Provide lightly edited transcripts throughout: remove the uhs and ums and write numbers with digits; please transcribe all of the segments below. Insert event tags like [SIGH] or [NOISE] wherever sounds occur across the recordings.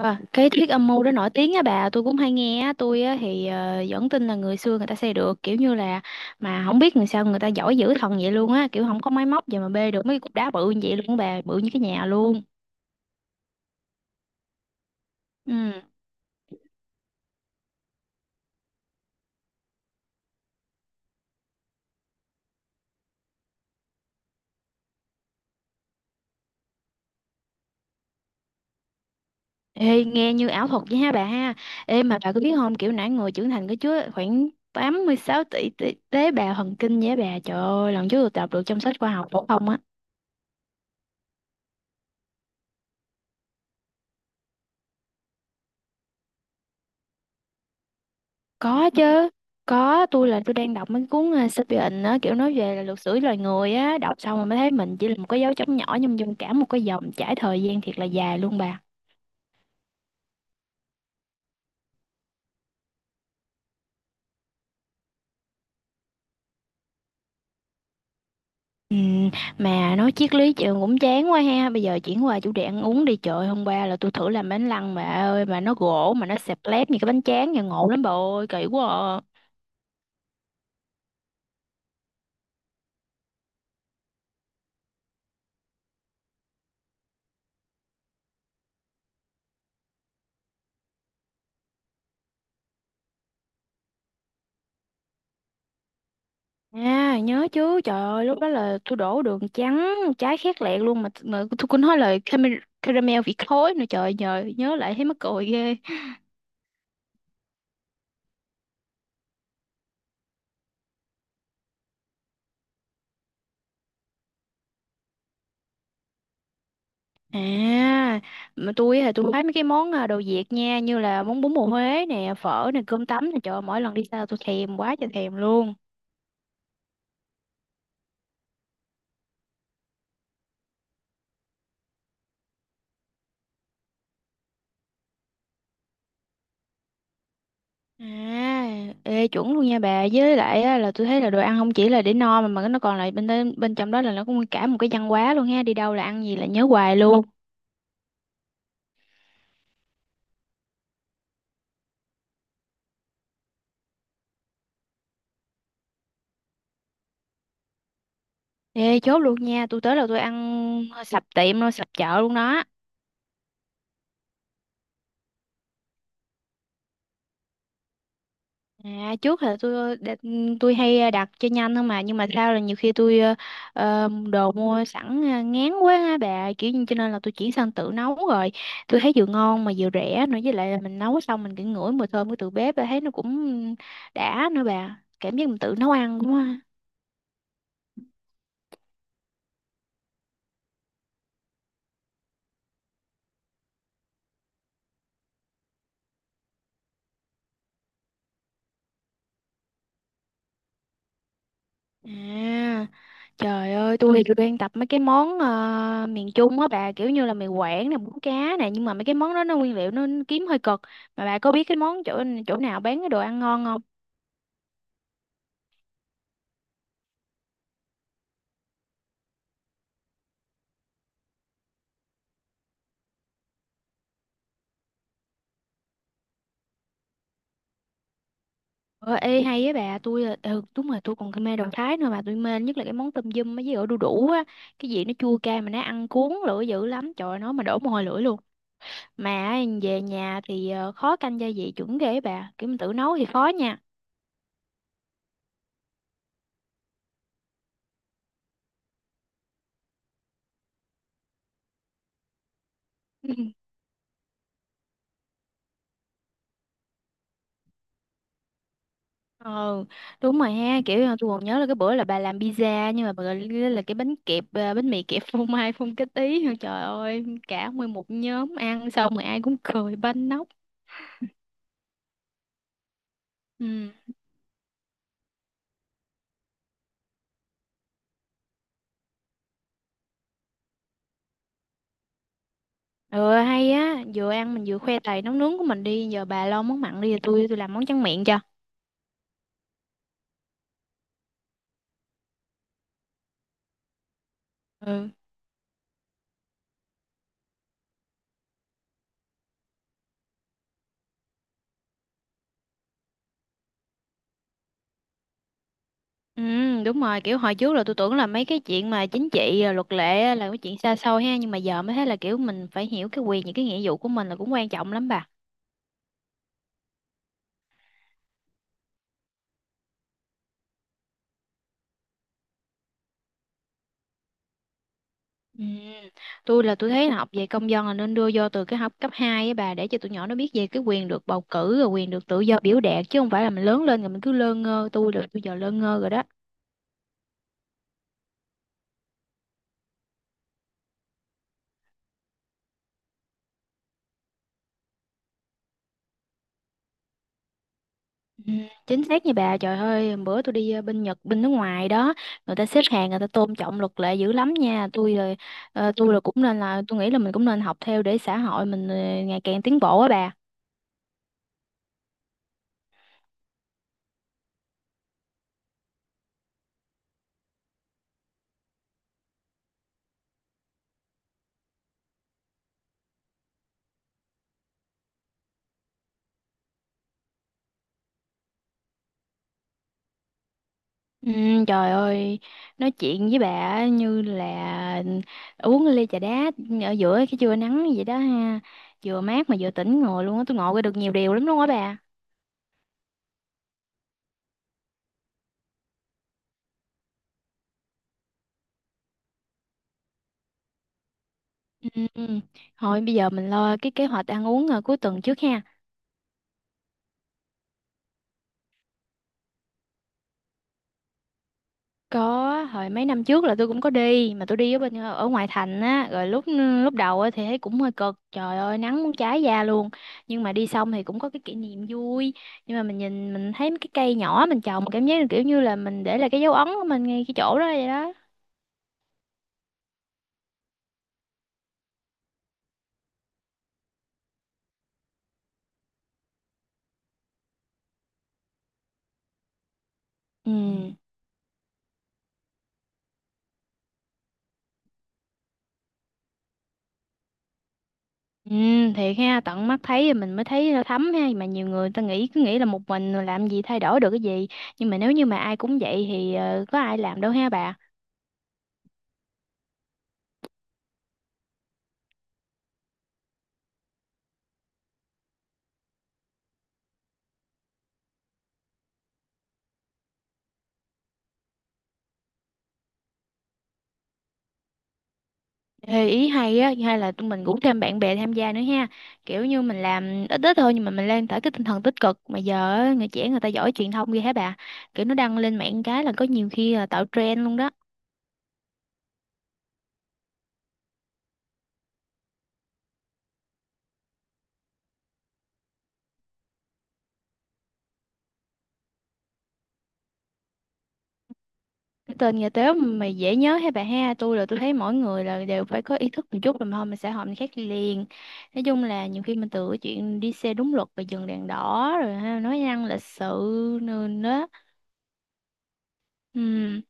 À, cái thuyết âm mưu đó nổi tiếng á bà, tôi cũng hay nghe á. Tôi á thì vẫn tin là người xưa người ta xây được, kiểu như là mà không biết người sao người ta giỏi dữ thần vậy luôn á, kiểu không có máy móc gì mà bê được mấy cục đá bự như vậy luôn á bà, bự như cái nhà luôn. Ừ. Ê, nghe như ảo thuật vậy ha bà ha. Ê mà bà có biết không, kiểu nãy người trưởng thành có chứa khoảng 86 tỷ tế bào thần kinh vậy á bà, trời ơi, lần trước tôi đọc được trong sách khoa học phổ thông á. Có chứ, có, tôi đang đọc mấy cuốn Sapiens á, kiểu nói về là luật sử loài người á, đọc xong rồi mới thấy mình chỉ là một cái dấu chấm nhỏ nhưng trong cả một cái dòng trải thời gian thiệt là dài luôn bà. Ừ, mà nói triết lý trường cũng chán quá ha, bây giờ chuyển qua chủ đề ăn uống đi trời. Hôm qua là tôi thử làm bánh lăng bà ơi, mà nó gỗ mà nó xẹp lép như cái bánh tráng nhà, ngộ lắm bà ơi, kỳ quá à. À, nhớ chứ, trời ơi, lúc đó là tôi đổ đường trắng trái khét lẹt luôn mà tôi cũng nói là caramel, caramel vị khối nữa, trời, nhờ nhớ lại thấy mắc cười ghê. À, mà tôi thấy mấy cái món à, đồ Việt nha, như là món bún bò Huế nè, phở nè, cơm tấm nè, trời ơi, mỗi lần đi xa tôi thèm quá trời thèm luôn. À, ê chuẩn luôn nha bà, với lại á, là tôi thấy là đồ ăn không chỉ là để no mà nó còn là bên bên trong đó là nó cũng cả một cái văn hóa luôn ha, đi đâu là ăn gì là nhớ hoài luôn. Ê, chốt luôn nha, tôi tới là tôi ăn sập tiệm luôn, sập chợ luôn đó. À, trước là tôi đặt- tôi hay đặt cho nhanh thôi mà, nhưng mà sao là nhiều khi tôi đồ mua sẵn ngán quá á bà, kiểu như cho nên là tôi chuyển sang tự nấu rồi. Tôi thấy vừa ngon mà vừa rẻ nữa, với lại là mình nấu xong mình cứ ngửi mùi thơm của từ bếp, thấy nó cũng đã nữa bà. Cảm giác mình tự nấu ăn cũng. À, trời ơi, tôi đang tập mấy cái món miền Trung á bà, kiểu như là mì Quảng nè, bún cá nè, nhưng mà mấy cái món đó nó nguyên liệu nó kiếm hơi cực. Mà bà có biết cái món chỗ chỗ nào bán cái đồ ăn ngon không? Ờ, ê hay á bà, tôi là- ừ, đúng rồi, tôi còn mê đồ Thái nữa, mà tôi mê nhất là cái món tôm dum với ổi đu đủ á, cái gì nó chua cay mà nó ăn cuốn lưỡi dữ lắm, trời ơi, nó mà đổ mồ hôi lưỡi luôn. Mà về nhà thì khó canh gia vị chuẩn ghê á bà, kiểu mình tự nấu thì khó nha. [LAUGHS] Ờ, đúng rồi ha, kiểu là tôi còn nhớ là cái bữa là bà làm pizza nhưng mà bà gọi là cái bánh kẹp à, bánh mì kẹp phô mai phun cái tí. [LAUGHS] Trời ơi, cả nguyên một nhóm ăn xong rồi ai cũng cười banh nóc. Ừ. Ừ, hay á, vừa ăn mình vừa khoe tài nấu nướng của mình đi, giờ bà lo món mặn đi rồi tôi làm món tráng miệng cho. Ừ. Ừ, đúng rồi, kiểu hồi trước là tôi tưởng là mấy cái chuyện mà chính trị rồi luật lệ á là cái chuyện xa xôi ha, nhưng mà giờ mới thấy là kiểu mình phải hiểu cái quyền, những cái nghĩa vụ của mình là cũng quan trọng lắm bà. Ừ. Tôi là tôi thấy là học về công dân là nên đưa vô từ cái học cấp 2 á bà, để cho tụi nhỏ nó biết về cái quyền được bầu cử rồi quyền được tự do biểu đạt, chứ không phải là mình lớn lên rồi mình cứ lơ ngơ, tôi là tôi giờ lơ ngơ rồi đó. Ừ. Chính xác như bà, trời ơi hôm bữa tôi đi bên Nhật bên nước ngoài đó, người ta xếp hàng, người ta tôn trọng luật lệ dữ lắm nha. Tôi là tôi là cũng nên, là tôi nghĩ là mình cũng nên học theo để xã hội mình ngày càng tiến bộ á bà. Ừ, trời ơi, nói chuyện với bà á, như là uống ly trà đá ở giữa cái trưa nắng vậy đó ha. Vừa mát mà vừa tỉnh ngồi luôn á, tôi ngộ ra được nhiều điều lắm luôn á bà. Ừ, ừ. Thôi bây giờ mình lo cái kế hoạch ăn uống à, cuối tuần trước ha. Có, hồi mấy năm trước là tôi cũng có đi, mà tôi đi ở bên ở ngoại thành á, rồi lúc ừ, lúc đầu á thì thấy cũng hơi cực. Trời ơi, nắng muốn cháy da luôn. Nhưng mà đi xong thì cũng có cái kỷ niệm vui. Nhưng mà mình nhìn mình thấy mấy cái cây nhỏ mình trồng, cảm giác kiểu như là mình để lại cái dấu ấn của mình ngay cái chỗ đó vậy đó. Ừ. Ừ, thiệt ha, tận mắt thấy thì mình mới thấy nó thấm ha, mà nhiều người ta nghĩ, cứ nghĩ là một mình làm gì thay đổi được cái gì, nhưng mà nếu như mà ai cũng vậy thì có ai làm đâu ha bà. Ê, ý hay á, hay là tụi mình rủ thêm bạn bè tham gia nữa ha, kiểu như mình làm ít ít thôi nhưng mà mình lan tỏa cái tinh thần tích cực, mà giờ á, người trẻ người ta giỏi truyền thông ghê hả bà, kiểu nó đăng lên mạng cái là có nhiều khi là tạo trend luôn đó. Cái tên nhà tếu mà dễ nhớ hay bà ha, tôi là tôi thấy mỗi người là đều phải có ý thức một chút rồi, mà không mình sẽ hội mình khác đi liền. Nói chung là nhiều khi mình từ cái chuyện đi xe đúng luật và dừng đèn đỏ rồi ha, nói năng lịch sự nữa đó. Ừ.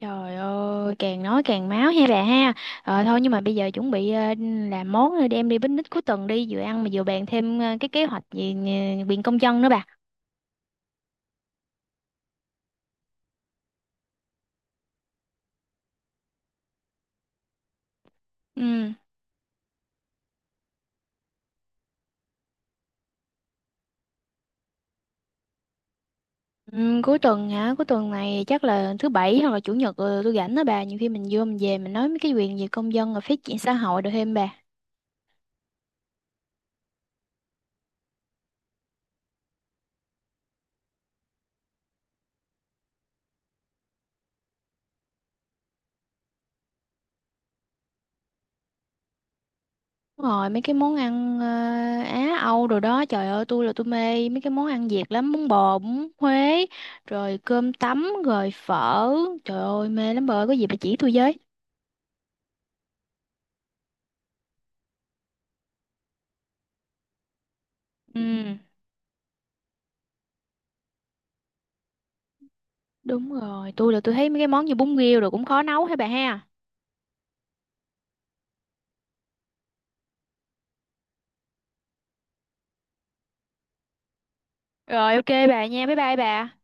Trời ơi, càng nói càng máu ha bà ha. Ờ, thôi nhưng mà bây giờ chuẩn bị làm món rồi đem đi picnic cuối tuần đi, vừa ăn mà vừa bàn thêm cái kế hoạch về viện công dân nữa bà. Ừ. Ừ, cuối tuần hả? Cuối tuần này chắc là thứ bảy hoặc là chủ nhật, tôi rảnh đó bà. Nhiều khi mình vô mình về mình nói mấy cái quyền về công dân rồi phát triển xã hội được thêm bà. Đúng rồi, mấy cái món ăn Á Âu rồi đó, trời ơi tôi mê mấy cái món ăn Việt lắm, bún bò, bún Huế, rồi cơm tấm, rồi phở, trời ơi mê lắm bà ơi, có gì bà chỉ tôi với. Ừ. Đúng rồi, tôi thấy mấy cái món như bún riêu rồi cũng khó nấu hả bà ha. Rồi, ok bà nha, bye bye bà.